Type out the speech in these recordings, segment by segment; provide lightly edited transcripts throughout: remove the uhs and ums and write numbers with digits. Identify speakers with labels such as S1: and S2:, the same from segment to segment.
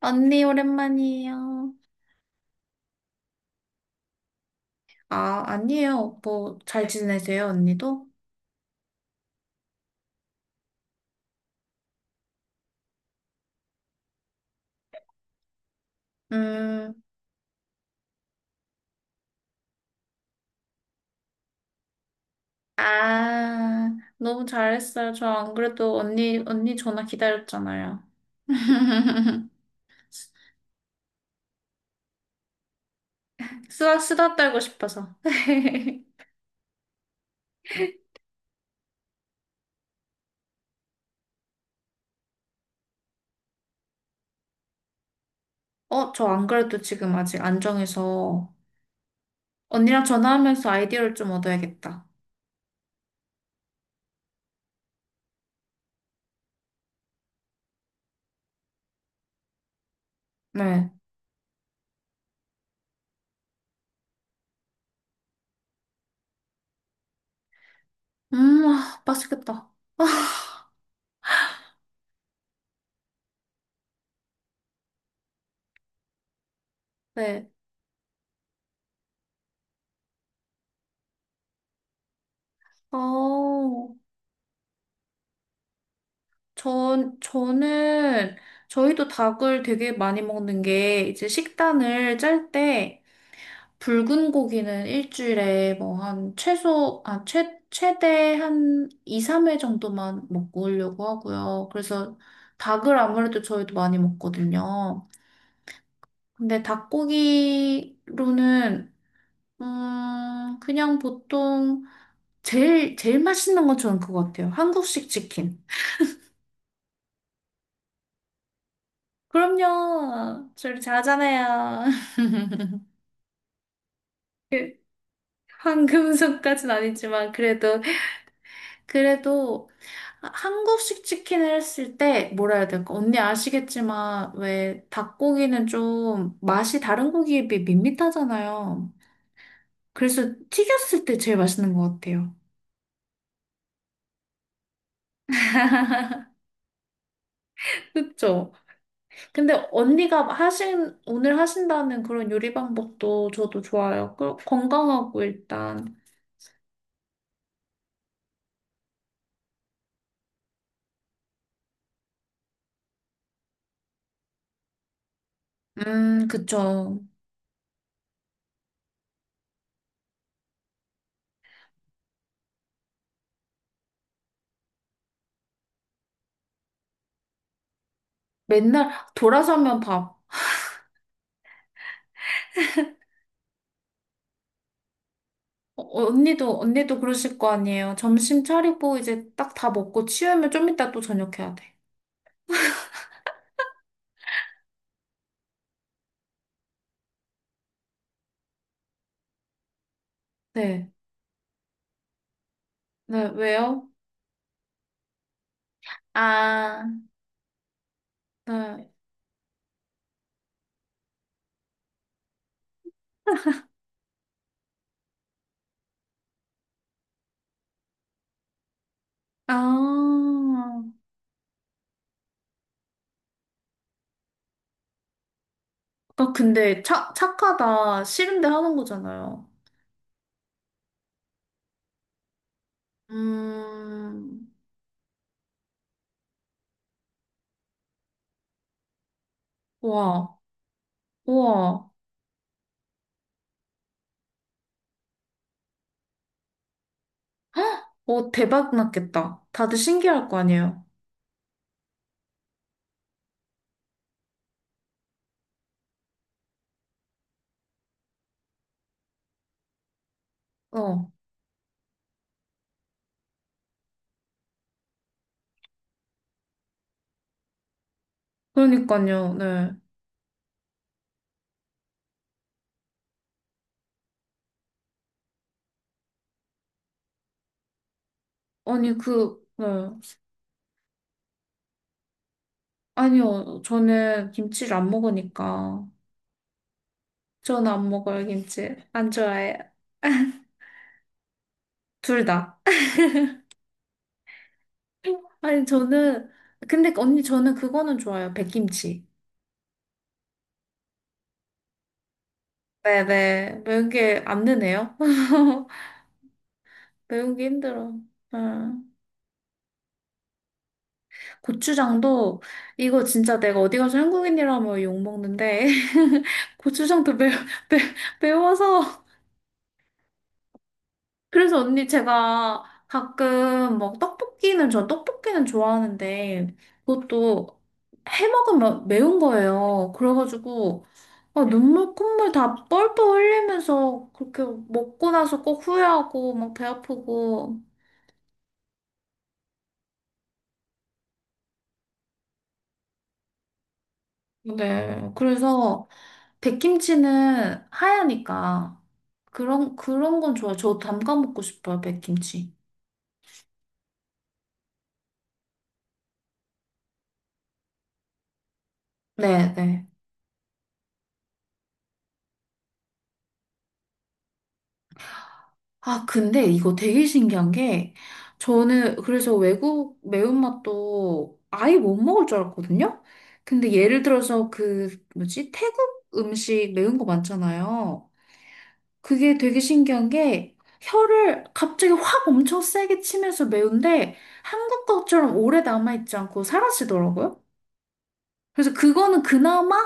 S1: 언니, 오랜만이에요. 아, 아니에요. 뭐, 잘 지내세요, 언니도? 음, 아, 너무 잘했어요. 저 안 그래도 언니 전화 기다렸잖아요. 수다 떨고 싶어서. 어, 저 안 그래도 지금 아직 안 정해서 언니랑 전화하면서 아이디어를 좀 얻어야겠다. 네. 아, 맛있겠다. 네. 어. 저는, 저희도 닭을 되게 많이 먹는 게, 이제 식단을 짤 때, 붉은 고기는 일주일에 뭐 한 최대 한 2, 3회 정도만 먹으려고 하고요. 그래서 닭을 아무래도 저희도 많이 먹거든요. 근데 닭고기로는, 그냥 보통, 제일 맛있는 건 저는 그거 같아요. 한국식 치킨. 그럼요. 저를 잘하잖아요. 황금손까진 아니지만 그래도 그래도 한국식 치킨을 했을 때 뭐라 해야 될까? 언니 아시겠지만 왜 닭고기는 좀 맛이 다른 고기에 비해 밋밋하잖아요. 그래서 튀겼을 때 제일 맛있는 것 같아요. 그쵸? 근데 언니가 하신 오늘 하신다는 그런 요리 방법도 저도 좋아요. 그 건강하고 일단 그쵸. 맨날 돌아서면 밥. 어, 어, 언니도 그러실 거 아니에요. 점심 차리고 이제 딱 다 먹고 치우면 좀 이따 또 저녁해야 돼. 네. 네, 왜요? 아, 네. 아. 아, 근데 착하다. 싫은데 하는 거잖아요. 음, 와, 우와. 어, 대박 났겠다. 다들 신기할 거 아니에요. 어, 그러니까요. 네. 아니, 그, 네. 아니요. 저는 김치를 안 먹으니까. 저는 안 먹어요, 김치. 안 좋아해요. 둘 다. 아니, 저는, 근데 언니, 저는 그거는 좋아요. 백김치. 네네. 매운 게 안 드네요. 매운 게 힘들어. 응. 고추장도, 이거 진짜 내가 어디 가서 한국인이라면 욕먹는데, 고추장도 매, 매워서. 그래서 언니 제가 가끔 막 떡볶이는 좋아하는데 그것도 해 먹으면 매운 거예요. 그래가지고 아, 눈물 콧물 다 뻘뻘 흘리면서 그렇게 먹고 나서 꼭 후회하고 막 배 아프고 네 그래서 백김치는 하얘니까 그런 건 좋아요. 저 담가 먹고 싶어요 백김치. 네네. 아, 근데 이거 되게 신기한 게, 저는 그래서 외국 매운맛도 아예 못 먹을 줄 알았거든요? 근데 예를 들어서 그, 뭐지, 태국 음식 매운 거 많잖아요. 그게 되게 신기한 게, 혀를 갑자기 확 엄청 세게 치면서 매운데, 한국 것처럼 오래 남아있지 않고 사라지더라고요. 그래서 그거는 그나마,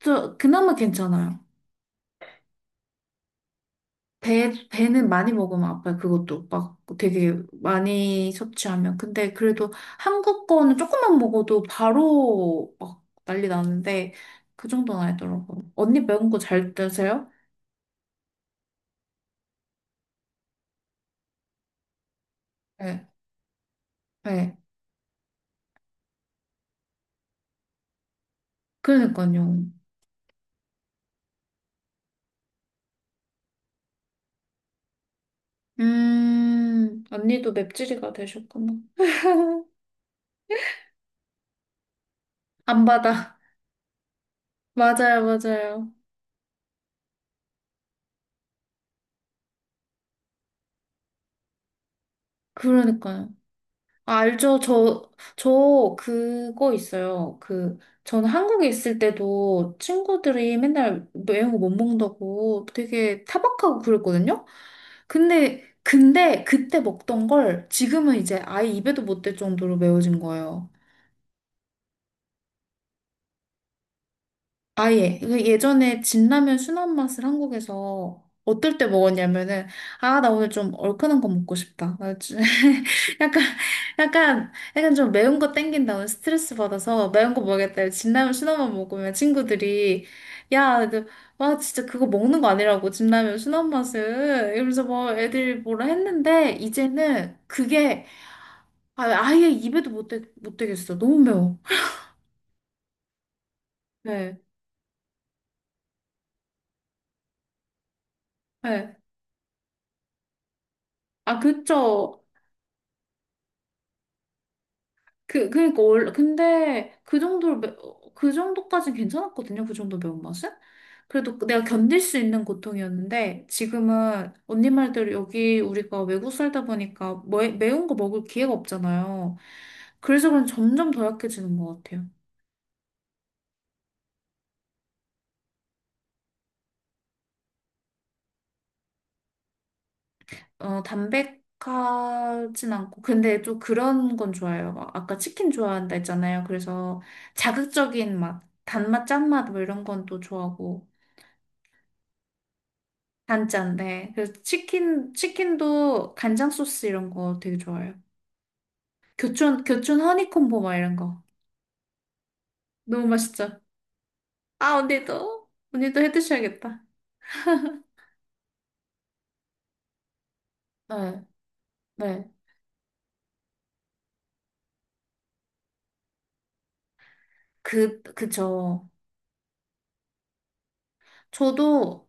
S1: 그나마 괜찮아요. 배는 많이 먹으면 아파요. 그것도 막 되게 많이 섭취하면. 근데 그래도 한국 거는 조금만 먹어도 바로 막 난리 나는데 그 정도는 아니더라고요. 언니 매운 거 잘 드세요? 네. 네. 그러니까요. 언니도 맵찔이가 되셨구나. 안 받아. 맞아요, 맞아요. 그러니까요. 아, 알죠. 저 그거 있어요. 그, 저는 한국에 있을 때도 친구들이 맨날 매운 거 못 먹는다고 되게 타박하고 그랬거든요. 근데 그때 먹던 걸 지금은 이제 아예 입에도 못 댈 정도로 매워진 거예요. 아, 예. 그 예전에 진라면 순한 맛을 한국에서 어떨 때 먹었냐면은, 아, 나 오늘 좀 얼큰한 거 먹고 싶다. 나 좀- 약간, 약간 좀 매운 거 땡긴다. 오늘 스트레스 받아서 매운 거 먹겠다. 진라면 순한 맛 먹으면 친구들이, 야, 너, 와, 진짜 그거 먹는 거 아니라고. 진라면 순한 맛은. 이러면서 뭐 애들이 뭐라 했는데, 이제는 그게 아, 아예 입에도 못 대겠어. 너무 매워. 네. 네. 아, 그쵸. 그, 그러니까 원래 근데 그 정도로 매- 어, 그 정도까진 괜찮았거든요. 그 정도 매운맛은. 그래도 내가 견딜 수 있는 고통이었는데 지금은 언니 말대로 여기 우리가 외국 살다 보니까 매운 거 먹을 기회가 없잖아요. 그래서 그런 점점 더 약해지는 것 같아요. 어, 담백하진 않고 근데 좀 그런 건 좋아요. 막 아까 치킨 좋아한다 했잖아요. 그래서 자극적인 맛, 단맛, 짠맛 뭐 이런 건 또 좋아하고. 단짠 네 그래서 치킨도 간장 소스 이런 거 되게 좋아해요. 교촌 허니콤보 막 이런 거. 너무 맛있죠? 아, 언니도? 언니도 해 드셔야겠다. 네, 네. 그, 그죠. 저도,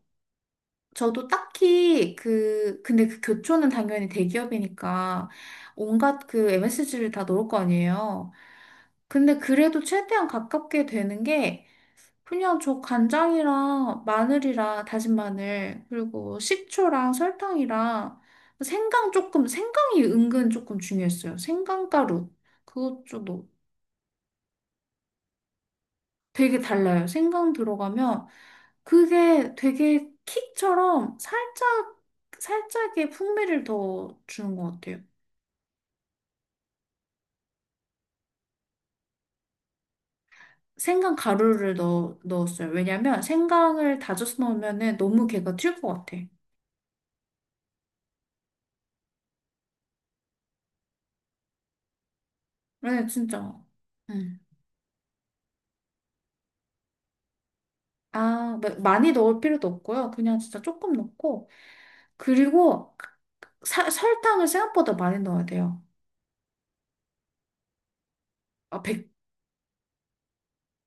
S1: 저도 딱히 그, 근데 그 교촌은 당연히 대기업이니까 온갖 그 MSG를 다 넣을 거 아니에요. 근데 그래도 최대한 가깝게 되는 게 그냥 저 간장이랑 마늘이랑 다진 마늘, 그리고 식초랑 설탕이랑 생강 조금, 생강이 은근 조금 중요했어요. 생강가루. 그것도 되게 달라요. 생강 들어가면 그게 되게 킥처럼 살짝, 살짝의 풍미를 더 주는 것 같아요. 생강 가루를 넣었어요. 왜냐면 생강을 다져서 넣으면 너무 걔가 튈 것 같아. 네, 진짜. 음. 아, 마- 많이 넣을 필요도 없고요. 그냥 진짜 조금 넣고. 그리고 사- 설탕을 생각보다 많이 넣어야 돼요. 아, 백,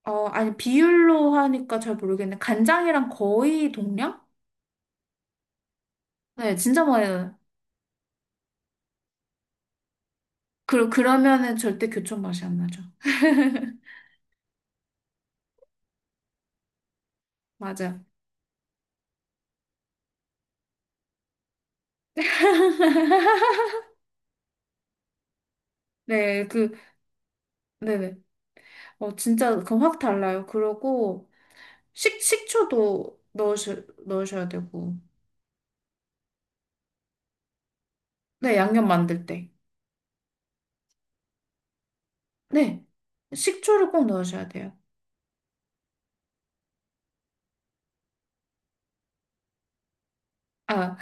S1: 어, 아니, 비율로 하니까 잘 모르겠는데, 간장이랑 거의 동량? 네, 진짜 많이 넣어요. 그, 그러면은 절대 교촌 맛이 안 나죠. 맞아요. 네, 그, 네네. 어, 진짜, 그럼 확 달라요. 그러고, 식초도 넣으셔야 되고. 네, 양념 만들 때. 네. 식초를 꼭 넣으셔야 돼요. 아,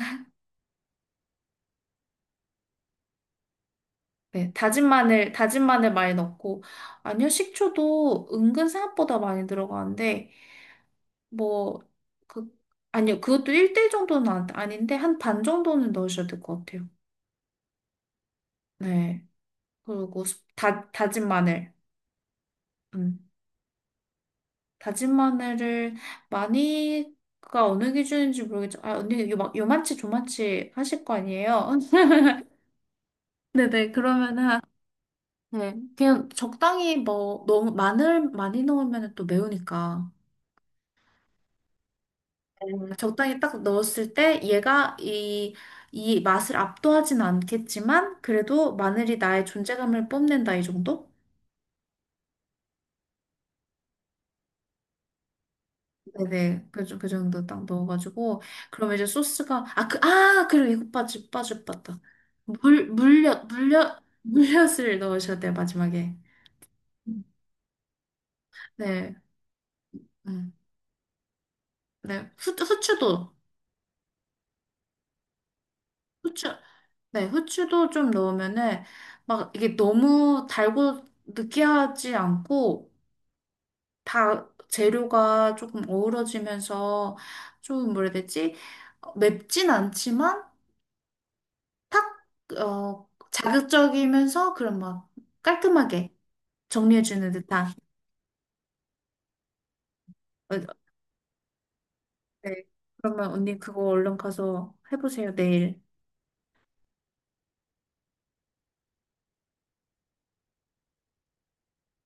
S1: 네, 다진 마늘 많이 넣고, 아니요, 식초도 은근 생각보다 많이 들어가는데, 뭐, 그, 아니요, 그것도 1대1 정도는 안- 아닌데, 한 반 정도는 넣으셔야 될 것 같아요. 네. 그리고 수- 다진 마늘. 음. 다진 마늘을 많이가 어느 기준인지 모르겠죠. 아, 언니, 요, 막 요만치 조만치 하실 거 아니에요? 네네, 그러면은, 한- 네. 그냥 적당히 뭐, 너무 마늘 많이 넣으면 또 매우니까. 적당히 딱 넣었을 때 얘가 이, 이 맛을 압도하진 않겠지만 그래도 마늘이 나의 존재감을 뽐낸다 이 정도? 네네 그, 정- 그 정도 딱 넣어가지고 그러면 이제 소스가 아 그 아 그리고 이거 빠지 빠지 빠다 물 물엿 물엿 물엿을 넣으셔야 돼요 마지막에 음. 네, 음, 네, 후추도, 후추, 네, 후추도 좀 넣으면은, 막, 이게 너무 달고 느끼하지 않고, 다 재료가 조금 어우러지면서 좀 뭐라 해야 되지? 어, 맵진 않지만 탁, 어, 자극적이면서 그런 막 깔끔하게 정리해주는 듯한. 어, 네. 그러면 언니 그거 얼른 가서 해보세요, 내일.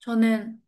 S1: 저는